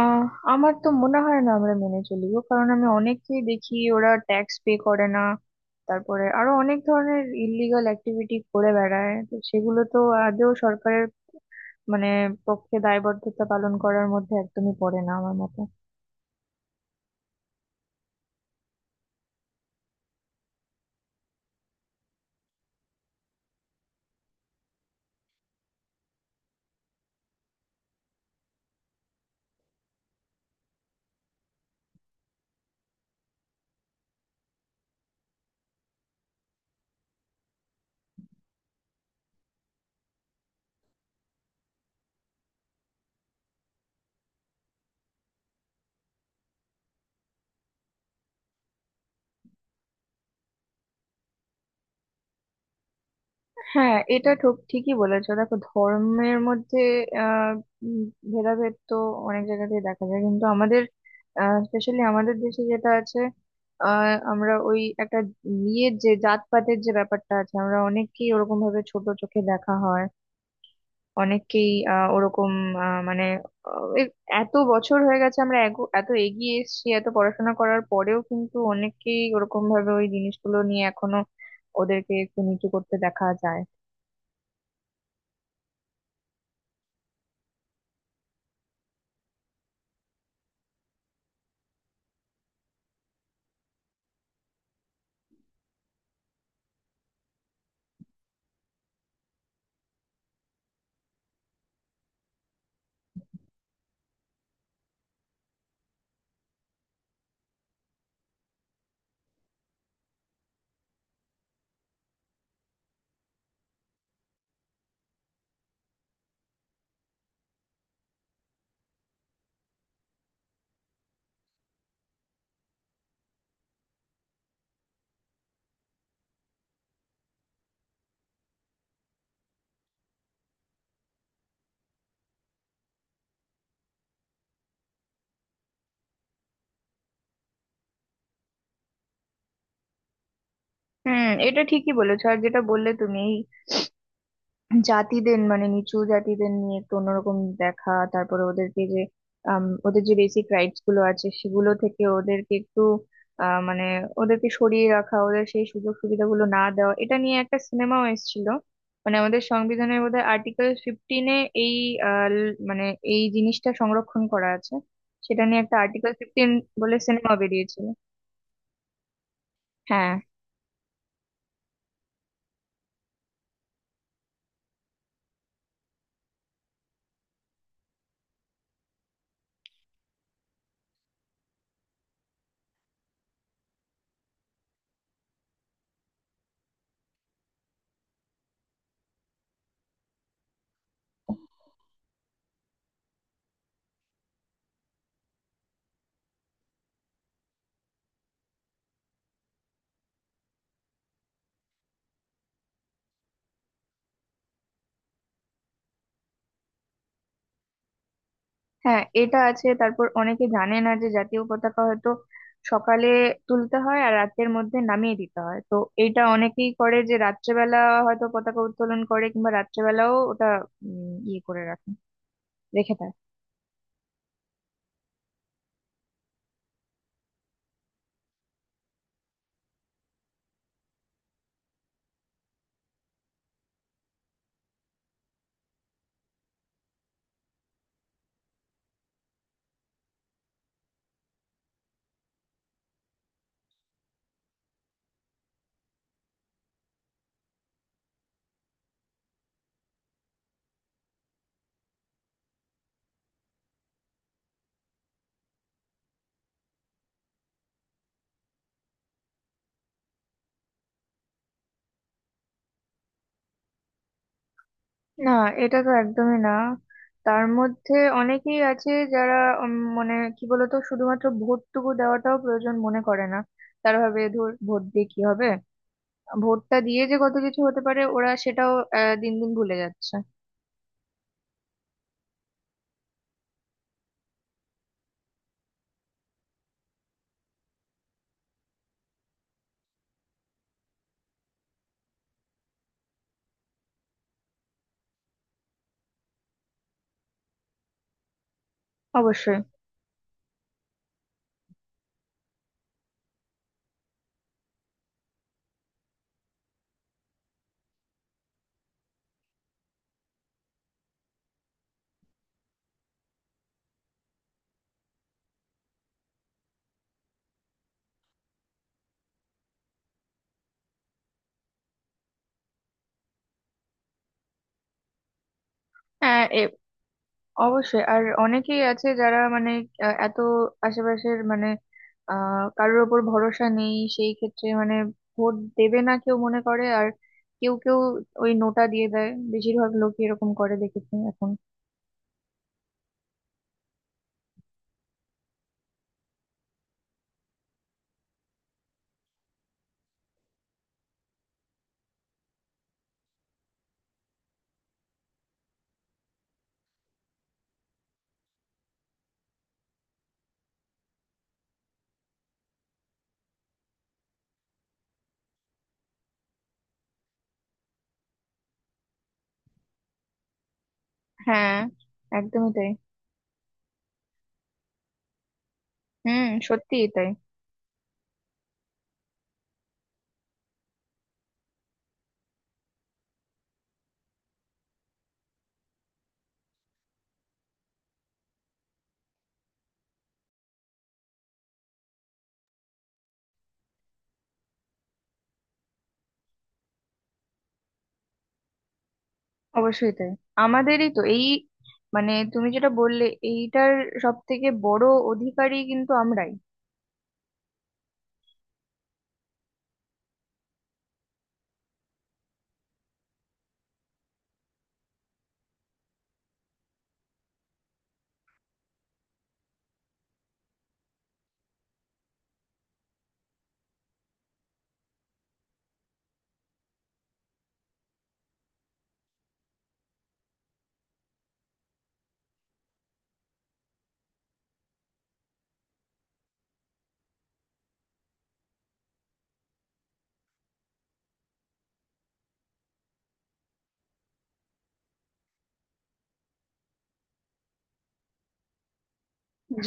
আহ আমার তো মনে হয় না আমরা মেনে চলি গো, কারণ আমি অনেককেই দেখি ওরা ট্যাক্স পে করে না। তারপরে আরো অনেক ধরনের ইললিগাল অ্যাক্টিভিটি করে বেড়ায়, তো সেগুলো তো আদৌ সরকারের মানে পক্ষে দায়বদ্ধতা পালন করার মধ্যে একদমই পড়ে না আমার মতে। হ্যাঁ, এটা ঠিক ঠিকই বলেছো। দেখো, ধর্মের মধ্যে আহ উম, ভেদাভেদ তো অনেক জায়গাতেই দেখা যায়, কিন্তু আমাদের স্পেশালি আমাদের দেশে যেটা আছে, আমরা ওই একটা ইয়ের যে জাতপাতের যে ব্যাপারটা আছে, আমরা অনেককেই ওরকম ভাবে ছোট চোখে দেখা হয়। অনেককেই ওরকম মানে এই এত বছর হয়ে গেছে, আমরা এত এগিয়ে এসেছি, এত পড়াশোনা করার পরেও কিন্তু অনেককেই ওরকম ভাবে ওই জিনিসগুলো নিয়ে এখনো ওদেরকে একটু নিচু করতে দেখা যায়। হুম, এটা ঠিকই বলেছো। আর যেটা বললে তুমি, এই জাতিদের মানে নিচু জাতিদের নিয়ে একটু অন্যরকম দেখা, তারপরে ওদেরকে যে ওদের যে বেসিক রাইটস গুলো আছে সেগুলো থেকে ওদেরকে একটু মানে ওদেরকে সরিয়ে রাখা, ওদের সেই সুযোগ সুবিধাগুলো না দেওয়া, এটা নিয়ে একটা সিনেমাও এসেছিল। মানে আমাদের সংবিধানের বোধহয় আর্টিকেল 15-তে এই মানে এই জিনিসটা সংরক্ষণ করা আছে। সেটা নিয়ে একটা আর্টিকেল 15 বলে সিনেমা বেরিয়েছিল। হ্যাঁ, হ্যাঁ, এটা আছে। তারপর অনেকে জানে না যে জাতীয় পতাকা হয়তো সকালে তুলতে হয় আর রাতের মধ্যে নামিয়ে দিতে হয়। তো এটা অনেকেই করে যে রাত্রেবেলা হয়তো পতাকা উত্তোলন করে কিংবা রাত্রেবেলাও ওটা ইয়ে করে রাখে, রেখে দেয়। না, এটা তো একদমই না। তার মধ্যে অনেকেই আছে যারা মানে কি বলতো, শুধুমাত্র ভোটটুকু দেওয়াটাও প্রয়োজন মনে করে না। তারা ভাবে, ধর ভোট দিয়ে কি হবে। ভোটটা দিয়ে যে কত কিছু হতে পারে ওরা সেটাও দিন দিন ভুলে যাচ্ছে। অবশ্যই। হ্যাঁ, অবশ্যই। আর অনেকেই আছে যারা মানে এত আশেপাশের মানে কারোর ওপর ভরসা নেই, সেই ক্ষেত্রে মানে ভোট দেবে না কেউ মনে করে। আর কেউ কেউ ওই নোটা দিয়ে দেয়, বেশিরভাগ লোকই এরকম করে দেখেছি এখন। হ্যাঁ, একদমই তাই। হুম, সত্যিই তাই। অবশ্যই তাই, আমাদেরই তো এই মানে তুমি যেটা বললে এইটার সব থেকে বড় অধিকারী কিন্তু আমরাই।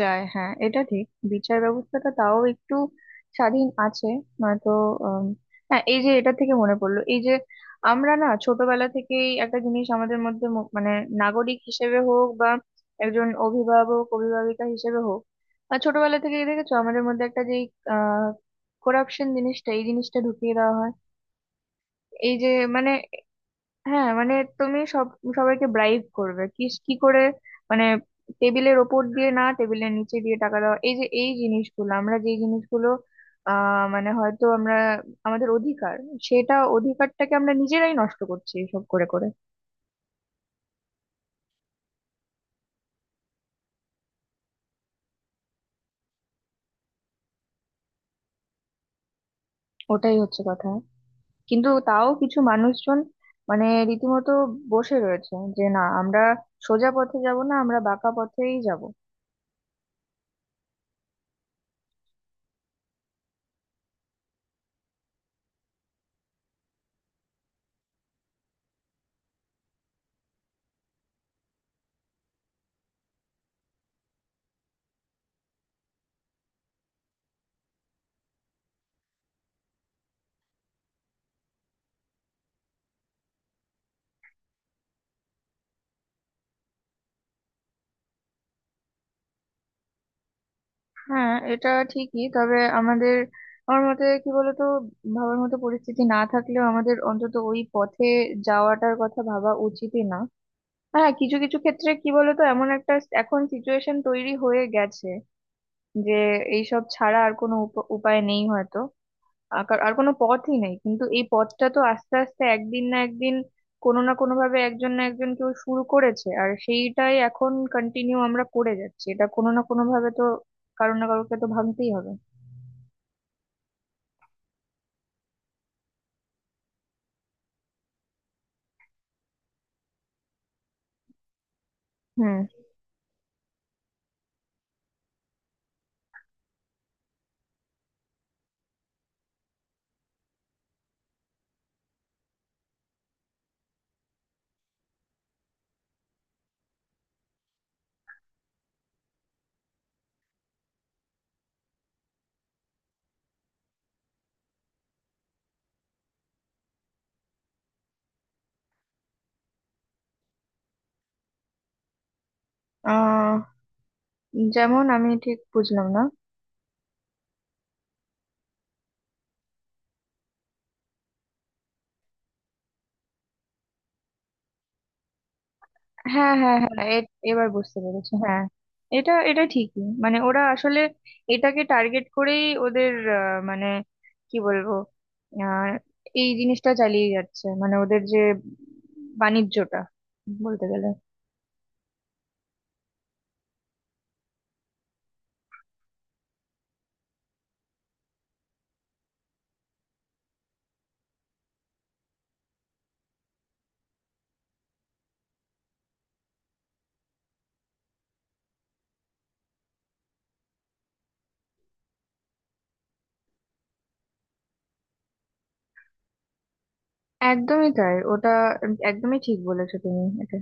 যায়, হ্যাঁ এটা ঠিক। বিচার ব্যবস্থাটা তাও একটু স্বাধীন আছে, নয়তো আম, হ্যাঁ এই যে, এটা থেকে মনে পড়লো, এই যে আমরা না ছোটবেলা থেকেই একটা জিনিস আমাদের মধ্যে মানে নাগরিক হিসেবে হোক বা একজন অভিভাবক অভিভাবিকা হিসেবে হোক, আর ছোটবেলা থেকেই দেখেছো আমাদের মধ্যে একটা যেই আহ করাপশন জিনিসটা, এই জিনিসটা ঢুকিয়ে দেওয়া হয়। এই যে মানে, হ্যাঁ মানে তুমি সবাইকে ব্রাইব করবে কি কি করে, মানে টেবিলের ওপর দিয়ে না টেবিলের নিচে দিয়ে টাকা দেওয়া, এই যে এই জিনিসগুলো আমরা যে জিনিসগুলো মানে হয়তো আমরা আমাদের অধিকার সেটা অধিকারটাকে আমরা নিজেরাই নষ্ট করছি এসব করে করে। ওটাই হচ্ছে কথা, কিন্তু তাও কিছু মানুষজন মানে রীতিমতো বসে রয়েছে যে না, আমরা সোজা পথে যাব না, আমরা বাঁকা পথেই যাব। হ্যাঁ এটা ঠিকই, তবে আমার মতে কি বলতো, ভাবার মতো পরিস্থিতি না থাকলেও আমাদের অন্তত ওই পথে যাওয়াটার কথা ভাবা উচিতই না। আর হ্যাঁ, কিছু কিছু ক্ষেত্রে কি বলতো, এমন একটা এখন সিচুয়েশন তৈরি হয়ে গেছে যে এইসব ছাড়া আর কোনো উপায় নেই হয়তো। আর আর কোনো পথই নেই। কিন্তু এই পথটা তো আস্তে আস্তে একদিন না একদিন, কোনো না কোনো ভাবে একজন না একজন কেউ শুরু করেছে, আর সেইটাই এখন কন্টিনিউ আমরা করে যাচ্ছি। এটা কোনো না কোনো ভাবে তো কারো না কারোকে তো ভাবতেই হবে। হুম। আহ যেমন, আমি ঠিক বুঝলাম না। হ্যাঁ, হ্যাঁ, হ্যাঁ, এবার বুঝতে পেরেছি। হ্যাঁ, এটা এটা ঠিকই, মানে ওরা আসলে এটাকে টার্গেট করেই ওদের মানে কি বলবো, আহ, এই জিনিসটা চালিয়ে যাচ্ছে মানে ওদের যে বাণিজ্যটা বলতে গেলে। একদমই তাই ওটা, একদমই ঠিক বলেছো তুমি এটা।